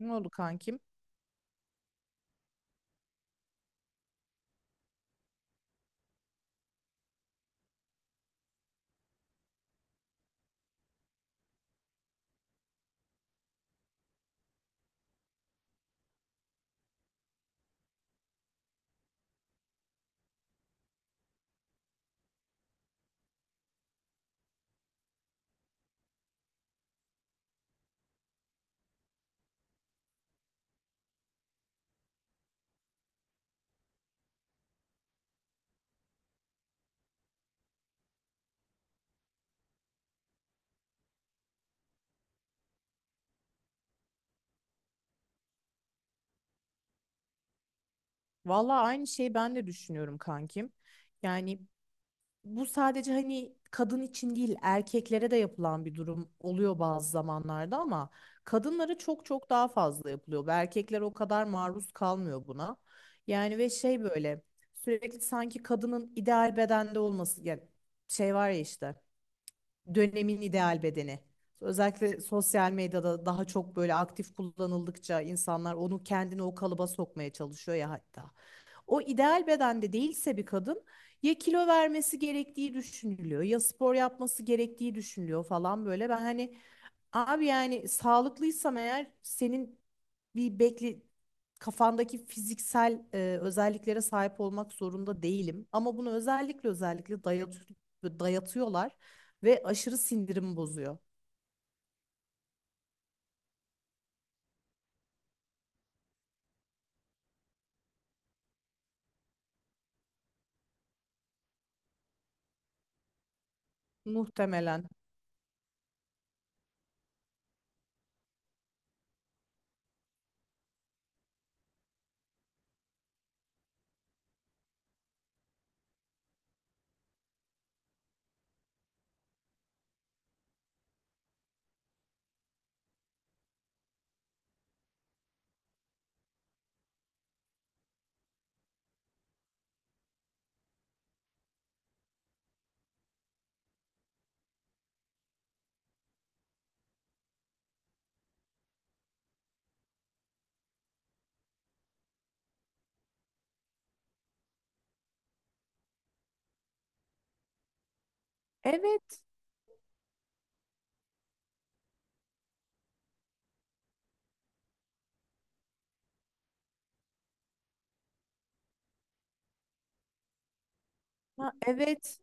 Ne oldu kankim? Vallahi aynı şeyi ben de düşünüyorum kankim. Yani bu sadece hani kadın için değil erkeklere de yapılan bir durum oluyor bazı zamanlarda ama kadınlara çok çok daha fazla yapılıyor. Ve erkekler o kadar maruz kalmıyor buna. Yani ve şey böyle sürekli sanki kadının ideal bedende olması yani şey var ya işte. Dönemin ideal bedeni. Özellikle sosyal medyada daha çok böyle aktif kullanıldıkça insanlar onu kendini o kalıba sokmaya çalışıyor ya hatta. O ideal bedende değilse bir kadın ya kilo vermesi gerektiği düşünülüyor ya spor yapması gerektiği düşünülüyor falan böyle. Ben hani abi yani sağlıklıysam eğer senin bir bekle kafandaki fiziksel özelliklere sahip olmak zorunda değilim. Ama bunu özellikle özellikle dayatıyorlar ve aşırı sindirim bozuyor muhtemelen. Evet. Ha, evet.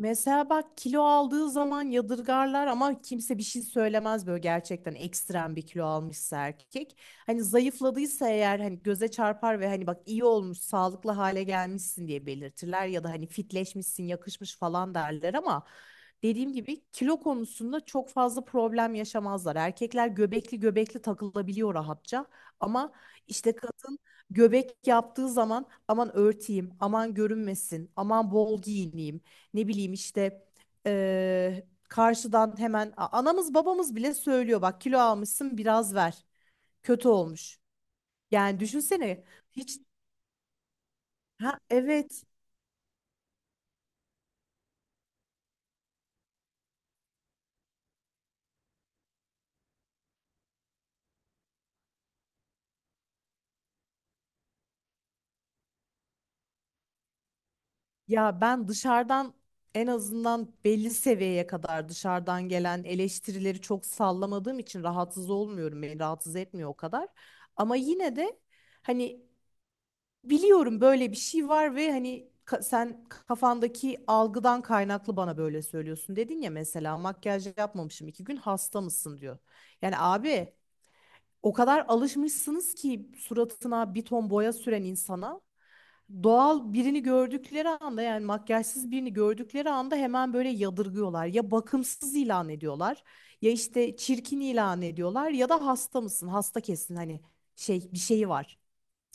Mesela bak kilo aldığı zaman yadırgarlar ama kimse bir şey söylemez böyle gerçekten ekstrem bir kilo almışsa erkek. Hani zayıfladıysa eğer hani göze çarpar ve hani bak iyi olmuş, sağlıklı hale gelmişsin diye belirtirler ya da hani fitleşmişsin, yakışmış falan derler ama dediğim gibi kilo konusunda çok fazla problem yaşamazlar. Erkekler göbekli göbekli takılabiliyor rahatça ama işte kadın göbek yaptığı zaman aman örteyim, aman görünmesin, aman bol giyineyim ne bileyim işte karşıdan hemen anamız babamız bile söylüyor bak kilo almışsın biraz ver kötü olmuş. Yani düşünsene hiç ha evet ya ben dışarıdan en azından belli seviyeye kadar dışarıdan gelen eleştirileri çok sallamadığım için rahatsız olmuyorum beni rahatsız etmiyor o kadar. Ama yine de hani biliyorum böyle bir şey var ve hani sen kafandaki algıdan kaynaklı bana böyle söylüyorsun dedin ya mesela makyaj yapmamışım iki gün hasta mısın diyor. Yani abi o kadar alışmışsınız ki suratına bir ton boya süren insana doğal birini gördükleri anda yani makyajsız birini gördükleri anda hemen böyle yadırgıyorlar. Ya bakımsız ilan ediyorlar ya işte çirkin ilan ediyorlar ya da hasta mısın hasta kesin hani şey bir şeyi var.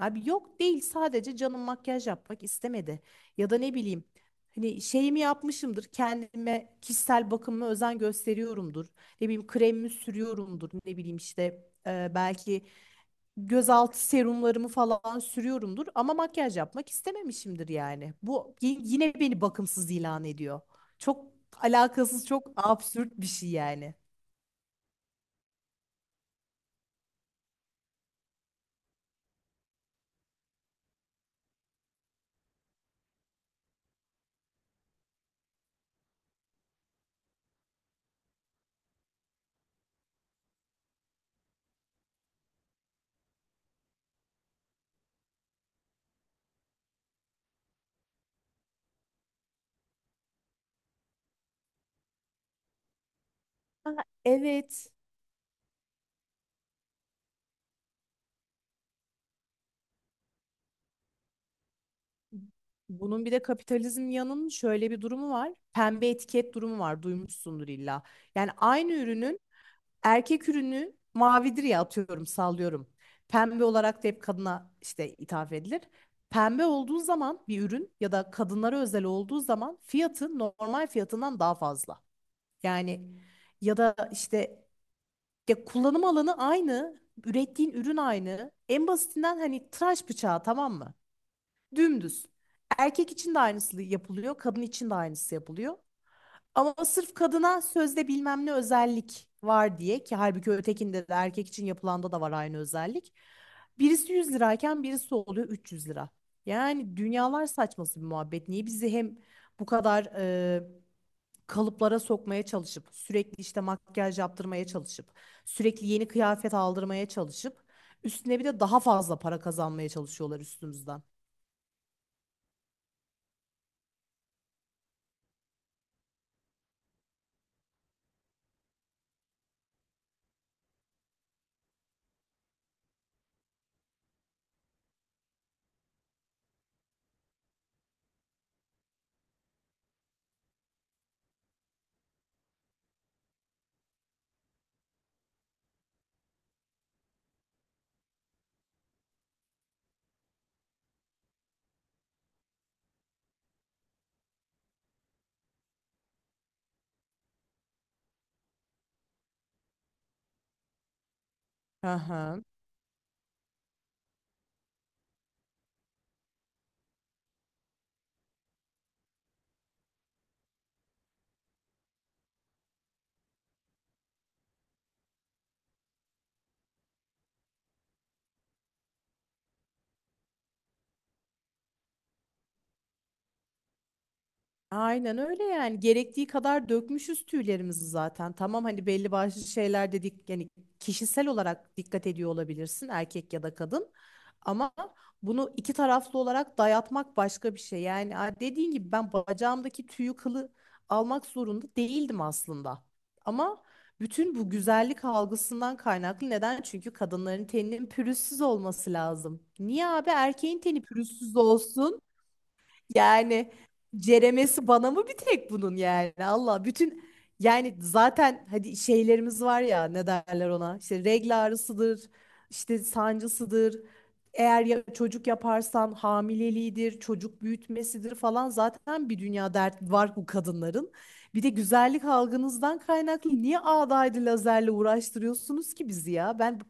Abi yok değil sadece canım makyaj yapmak istemedi. Ya da ne bileyim hani şeyimi yapmışımdır kendime kişisel bakımıma özen gösteriyorumdur. Ne bileyim kremimi sürüyorumdur ne bileyim işte belki gözaltı serumlarımı falan sürüyorumdur. Ama makyaj yapmak istememişimdir yani. Bu yine beni bakımsız ilan ediyor. Çok alakasız çok absürt bir şey yani. Aa, evet. Bunun bir de kapitalizm yanının şöyle bir durumu var. Pembe etiket durumu var. Duymuşsundur illa. Yani aynı ürünün erkek ürünü mavidir ya atıyorum sallıyorum. Pembe olarak da hep kadına işte ithaf edilir. Pembe olduğu zaman bir ürün ya da kadınlara özel olduğu zaman fiyatı normal fiyatından daha fazla. Yani ya da işte ya kullanım alanı aynı, ürettiğin ürün aynı. En basitinden hani tıraş bıçağı tamam mı? Dümdüz. Erkek için de aynısı yapılıyor, kadın için de aynısı yapılıyor. Ama sırf kadına sözde bilmem ne özellik var diye ki halbuki ötekinde de erkek için yapılanda da var aynı özellik. Birisi 100 lirayken birisi oluyor 300 lira. Yani dünyalar saçması bir muhabbet. Niye bizi hem bu kadar kalıplara sokmaya çalışıp sürekli işte makyaj yaptırmaya çalışıp sürekli yeni kıyafet aldırmaya çalışıp üstüne bir de daha fazla para kazanmaya çalışıyorlar üstümüzden. Hı hı. Aynen öyle yani gerektiği kadar dökmüşüz tüylerimizi zaten. Tamam hani belli başlı şeyler dedik yani kişisel olarak dikkat ediyor olabilirsin erkek ya da kadın. Ama bunu iki taraflı olarak dayatmak başka bir şey. Yani dediğin gibi ben bacağımdaki tüyü kılı almak zorunda değildim aslında. Ama bütün bu güzellik algısından kaynaklı neden? Çünkü kadınların teninin pürüzsüz olması lazım. Niye abi erkeğin teni pürüzsüz olsun? Yani ceremesi bana mı bir tek bunun yani Allah bütün yani zaten hadi şeylerimiz var ya ne derler ona işte regl ağrısıdır işte sancısıdır eğer ya çocuk yaparsan hamileliğidir çocuk büyütmesidir falan zaten bir dünya dert var bu kadınların bir de güzellik algınızdan kaynaklı niye ağdaydı lazerle uğraştırıyorsunuz ki bizi ya ben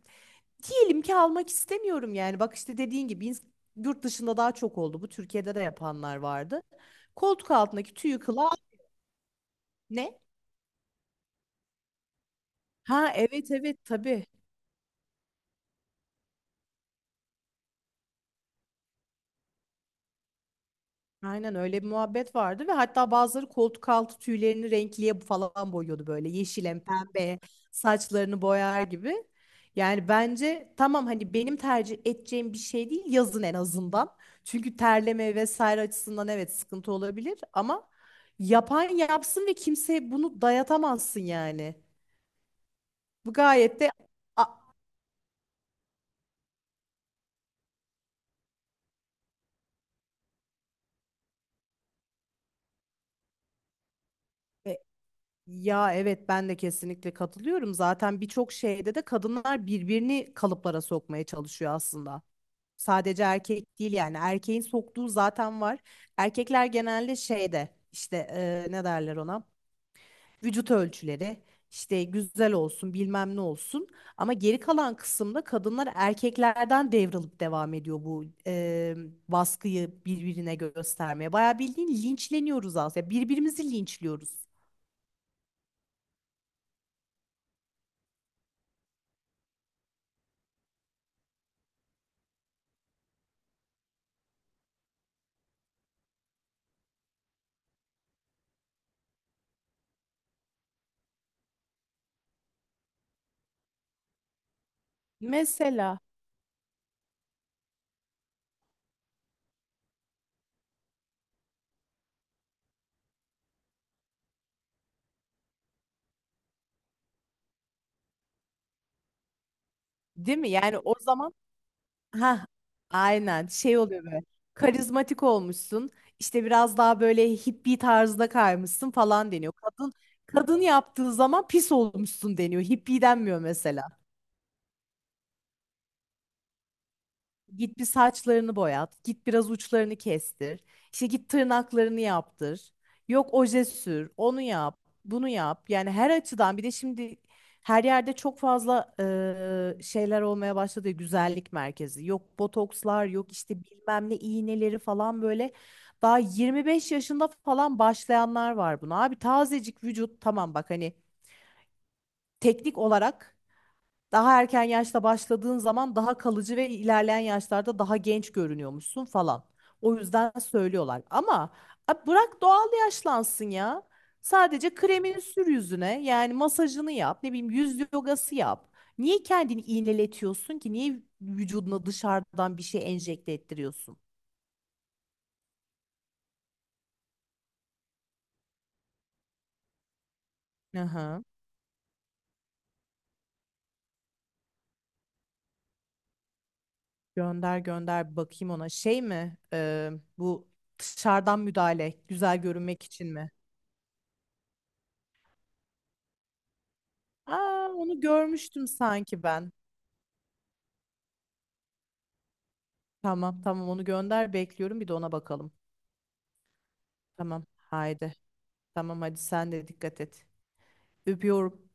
diyelim ki almak istemiyorum yani. Bak işte dediğin gibi yurt dışında daha çok oldu. Bu Türkiye'de de yapanlar vardı. Koltuk altındaki tüyü kılağı ne? Ha evet evet tabii. Aynen öyle bir muhabbet vardı ve hatta bazıları koltuk altı tüylerini renkliye falan boyuyordu böyle yeşilen pembe saçlarını boyar gibi. Yani bence tamam hani benim tercih edeceğim bir şey değil yazın en azından. Çünkü terleme vesaire açısından evet sıkıntı olabilir ama yapan yapsın ve kimseye bunu dayatamazsın yani. Bu gayet de A- e, ya evet ben de kesinlikle katılıyorum. Zaten birçok şeyde de kadınlar birbirini kalıplara sokmaya çalışıyor aslında. Sadece erkek değil yani erkeğin soktuğu zaten var. Erkekler genelde şeyde işte ne derler ona? Vücut ölçüleri işte güzel olsun bilmem ne olsun. Ama geri kalan kısımda kadınlar erkeklerden devralıp devam ediyor bu baskıyı birbirine göstermeye. Bayağı bildiğin linçleniyoruz aslında. Birbirimizi linçliyoruz. Mesela değil mi? Yani o zaman ha, aynen şey oluyor böyle. Karizmatik olmuşsun. İşte biraz daha böyle hippie tarzda kaymışsın falan deniyor. Kadın yaptığı zaman pis olmuşsun deniyor. Hippie denmiyor mesela. Git bir saçlarını boyat, git biraz uçlarını kestir, işte git tırnaklarını yaptır, yok oje sür, onu yap, bunu yap. Yani her açıdan bir de şimdi her yerde çok fazla şeyler olmaya başladı ya, güzellik merkezi. Yok botokslar, yok işte bilmem ne iğneleri falan böyle. Daha 25 yaşında falan başlayanlar var buna. Abi tazecik vücut tamam bak hani teknik olarak daha erken yaşta başladığın zaman daha kalıcı ve ilerleyen yaşlarda daha genç görünüyormuşsun falan. O yüzden söylüyorlar. Ama abi bırak doğal yaşlansın ya. Sadece kremini sür yüzüne. Yani masajını yap. Ne bileyim yüz yogası yap. Niye kendini iğneletiyorsun ki? Niye vücuduna dışarıdan bir şey enjekte ettiriyorsun? Aha. Gönder gönder bir bakayım ona. Şey mi? Bu dışarıdan müdahale güzel görünmek için mi? Aa, onu görmüştüm sanki ben. Tamam tamam onu gönder bekliyorum bir de ona bakalım. Tamam haydi. Tamam hadi sen de dikkat et. Öpüyorum.